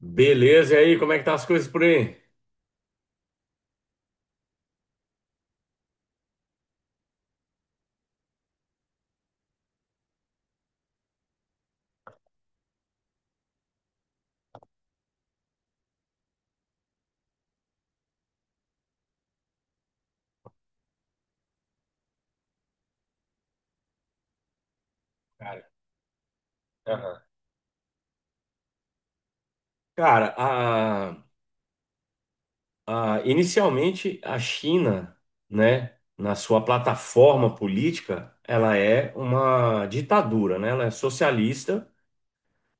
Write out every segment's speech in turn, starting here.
Beleza, e aí, como é que tá as coisas por aí? Cara, aham. Cara, inicialmente a China, né, na sua plataforma política, ela é uma ditadura, né? Ela é socialista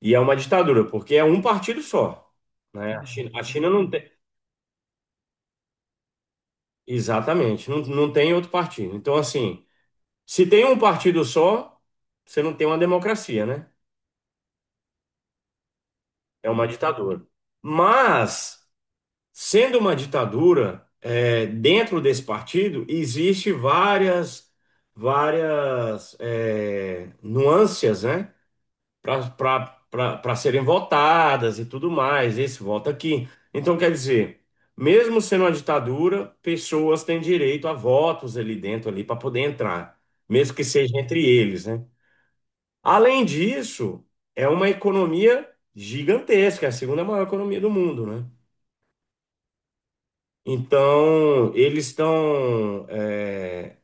e é uma ditadura, porque é um partido só, né? A China não tem, exatamente, não tem outro partido. Então, assim, se tem um partido só, você não tem uma democracia, né? É uma ditadura. Mas, sendo uma ditadura, dentro desse partido existe várias, nuances, né? Para serem votadas e tudo mais. Esse voto aqui. Então, quer dizer, mesmo sendo uma ditadura, pessoas têm direito a votos ali dentro ali para poder entrar, mesmo que seja entre eles, né? Além disso, é uma economia gigantesca, é a segunda maior economia do mundo, né? Então, eles estão,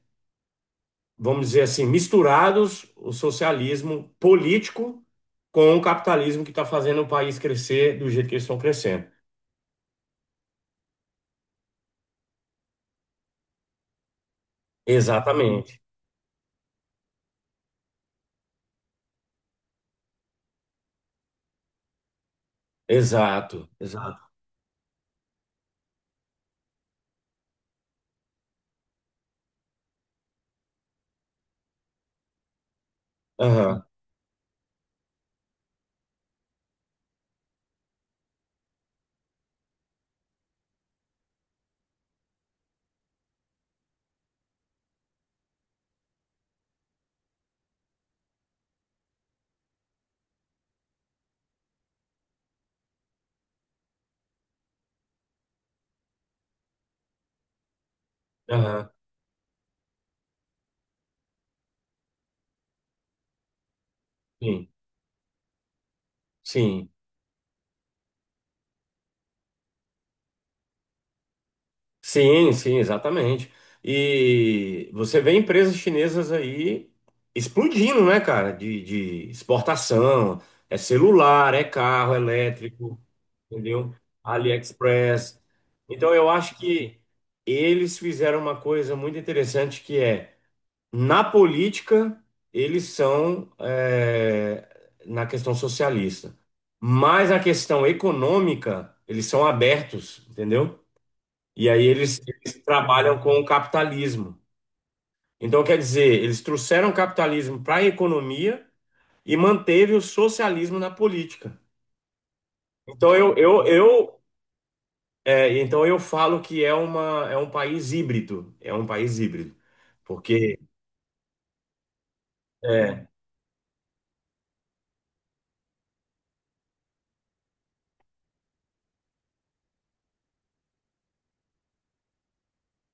vamos dizer assim, misturados o socialismo político com o capitalismo que está fazendo o país crescer do jeito que eles estão crescendo. Exatamente. Exato, exato. Aham, aham, sim, sim. Sim, sim, exatamente. E você vê empresas chinesas aí explodindo, né, cara? De exportação, é celular, é carro elétrico, entendeu? AliExpress. Então eu acho que eles fizeram uma coisa muito interessante que é, na política, na questão socialista, mas na questão econômica, eles são abertos, entendeu? E aí eles trabalham com o capitalismo. Então, quer dizer, eles trouxeram o capitalismo para a economia e manteve o socialismo na política. Então eu, eu, eu, então eu falo que é uma, é um país híbrido, é um país híbrido, porque é,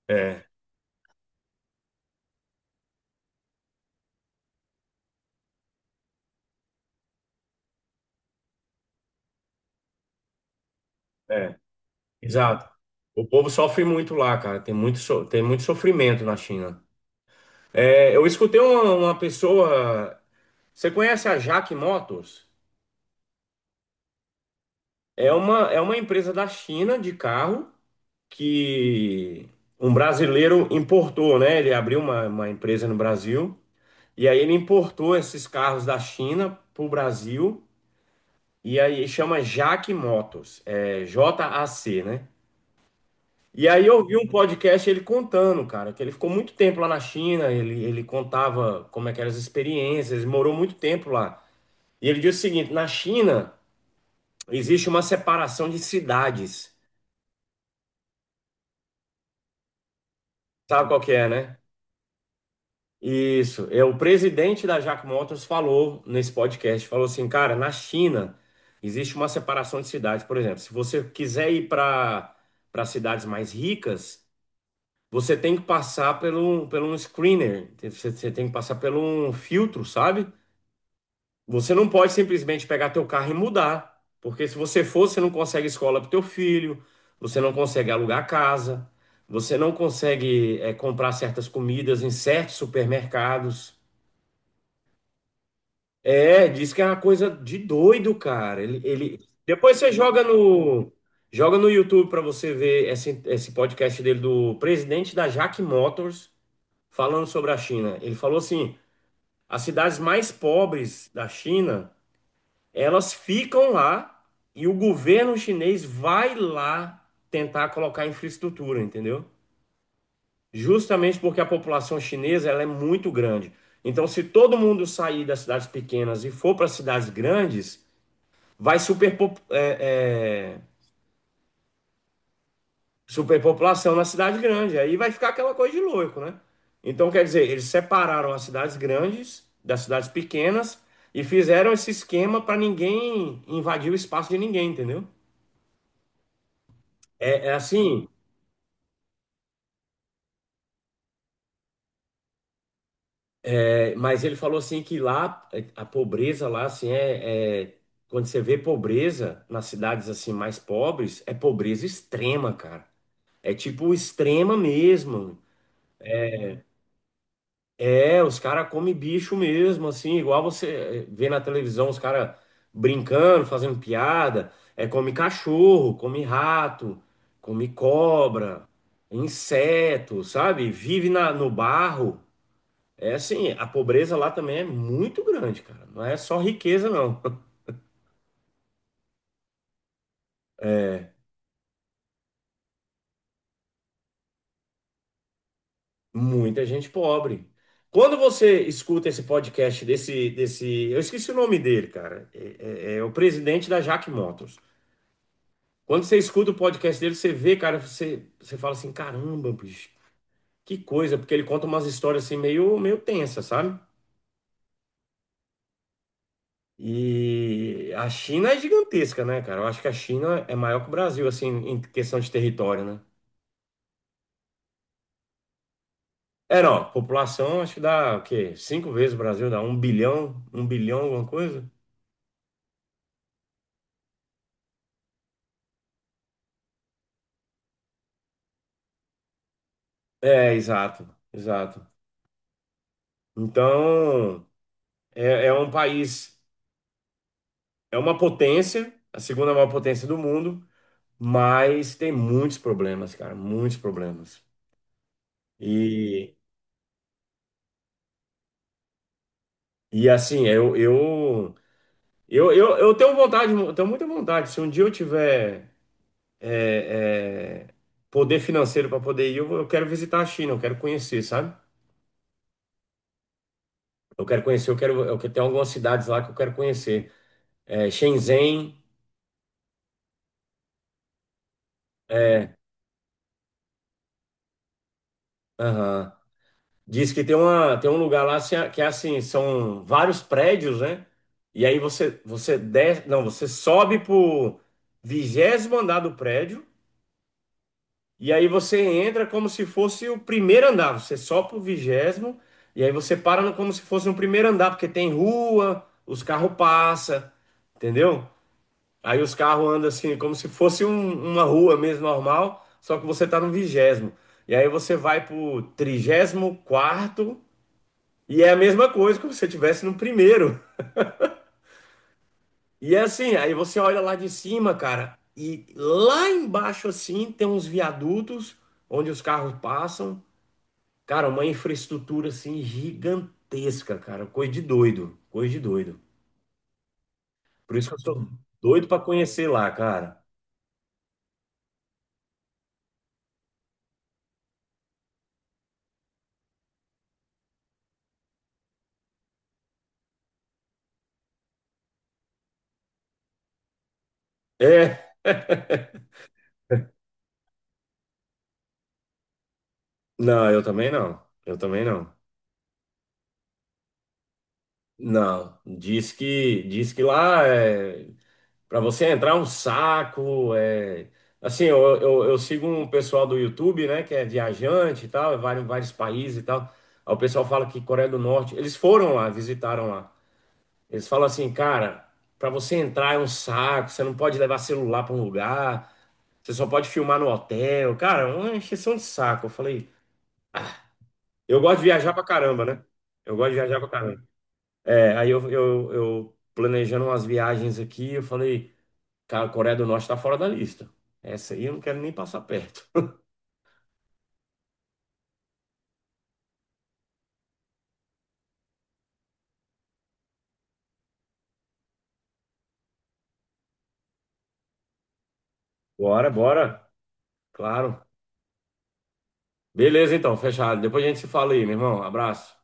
é, é, exato. O povo sofre muito lá, cara. Tem muito sofrimento na China. É, eu escutei uma pessoa. Você conhece a Jack Motors? É uma empresa da China de carro que um brasileiro importou, né? Ele abriu uma empresa no Brasil e aí ele importou esses carros da China para o Brasil e aí chama Jaque Motos, é JAC, né? E aí eu vi um podcast ele contando, cara, que ele ficou muito tempo lá na China, ele contava como é que eram as experiências, ele morou muito tempo lá. E ele disse o seguinte, na China existe uma separação de cidades, sabe qual que é, né? Isso, é o presidente da Jack Motors falou nesse podcast, falou assim, cara, na China existe uma separação de cidades, por exemplo, se você quiser ir para cidades mais ricas, você tem que passar pelo um screener, você tem que passar pelo um filtro, sabe? Você não pode simplesmente pegar teu carro e mudar, porque se você for, você não consegue escola para teu filho, você não consegue alugar casa, você não consegue comprar certas comidas em certos supermercados. É, diz que é uma coisa de doido, cara. Depois você joga no YouTube para você ver esse podcast dele do presidente da Jack Motors falando sobre a China. Ele falou assim: as cidades mais pobres da China, elas ficam lá e o governo chinês vai lá tentar colocar infraestrutura, entendeu? Justamente porque a população chinesa ela é muito grande. Então, se todo mundo sair das cidades pequenas e for para cidades grandes vai superpopulação na cidade grande. Aí vai ficar aquela coisa de louco, né? Então, quer dizer, eles separaram as cidades grandes das cidades pequenas e fizeram esse esquema para ninguém invadir o espaço de ninguém, entendeu? É, é assim, mas ele falou assim que lá, a pobreza lá, assim, quando você vê pobreza nas cidades assim mais pobres, é pobreza extrema, cara. É tipo extrema mesmo. É, os caras comem bicho mesmo, assim, igual você vê na televisão os caras brincando, fazendo piada. É, come cachorro, come rato, come cobra, inseto, sabe? Vive na, no barro. É assim, a pobreza lá também é muito grande, cara. Não é só riqueza, não. Muita gente pobre. Quando você escuta esse podcast desse, eu esqueci o nome dele, cara. É o presidente da Jack Motors. Quando você escuta o podcast dele, você vê, cara, você fala assim, caramba, bicho, que coisa, porque ele conta umas histórias assim meio, meio tensas, sabe? E a China é gigantesca, né, cara? Eu acho que a China é maior que o Brasil, assim, em questão de território, né? É, não, a população acho que dá o quê? Cinco vezes o Brasil, dá um bilhão, alguma coisa? É, exato, exato. Então, é um país, é uma potência, a segunda maior potência do mundo, mas tem muitos problemas, cara, muitos problemas. E, e assim, eu tenho vontade, eu tenho muita vontade. Se um dia eu tiver é, é, poder financeiro para poder ir, eu quero visitar a China, eu quero conhecer, sabe? Eu quero conhecer, tem algumas cidades lá que eu quero conhecer. É, Shenzhen, é, aham. Diz que tem uma, tem um lugar lá assim, que é assim, são vários prédios, né? E aí você desce, não, você sobe pro 20º andar do prédio e aí você entra como se fosse o primeiro andar. Você sobe pro vigésimo e aí você para no- como se fosse um primeiro andar, porque tem rua, os carros passam, entendeu? Aí os carros andam assim, como se fosse uma rua mesmo normal, só que você tá no 20º. E aí você vai pro 34º e é a mesma coisa que você tivesse no primeiro. E é assim, aí você olha lá de cima, cara, e lá embaixo assim tem uns viadutos onde os carros passam. Cara, uma infraestrutura assim gigantesca, cara, coisa de doido, coisa de doido. Por isso que eu sou doido pra conhecer lá, cara. É, não, eu também não. Eu também não. Não, diz que lá é. Para você entrar é um saco, assim, eu sigo um pessoal do YouTube, né, que é viajante e tal, é vários, vários países e tal. Aí o pessoal fala que Coreia do Norte, eles foram lá, visitaram lá. Eles falam assim, cara, para você entrar é um saco, você não pode levar celular para um lugar, você só pode filmar no hotel. Cara, é uma encheção de saco. Eu falei, eu gosto de viajar pra caramba, né? Eu gosto de viajar pra caramba. É, aí eu planejando umas viagens aqui, eu falei. Cara, a Coreia do Norte está fora da lista. Essa aí eu não quero nem passar perto. Bora, bora. Claro. Beleza, então, fechado. Depois a gente se fala aí, meu irmão. Abraço.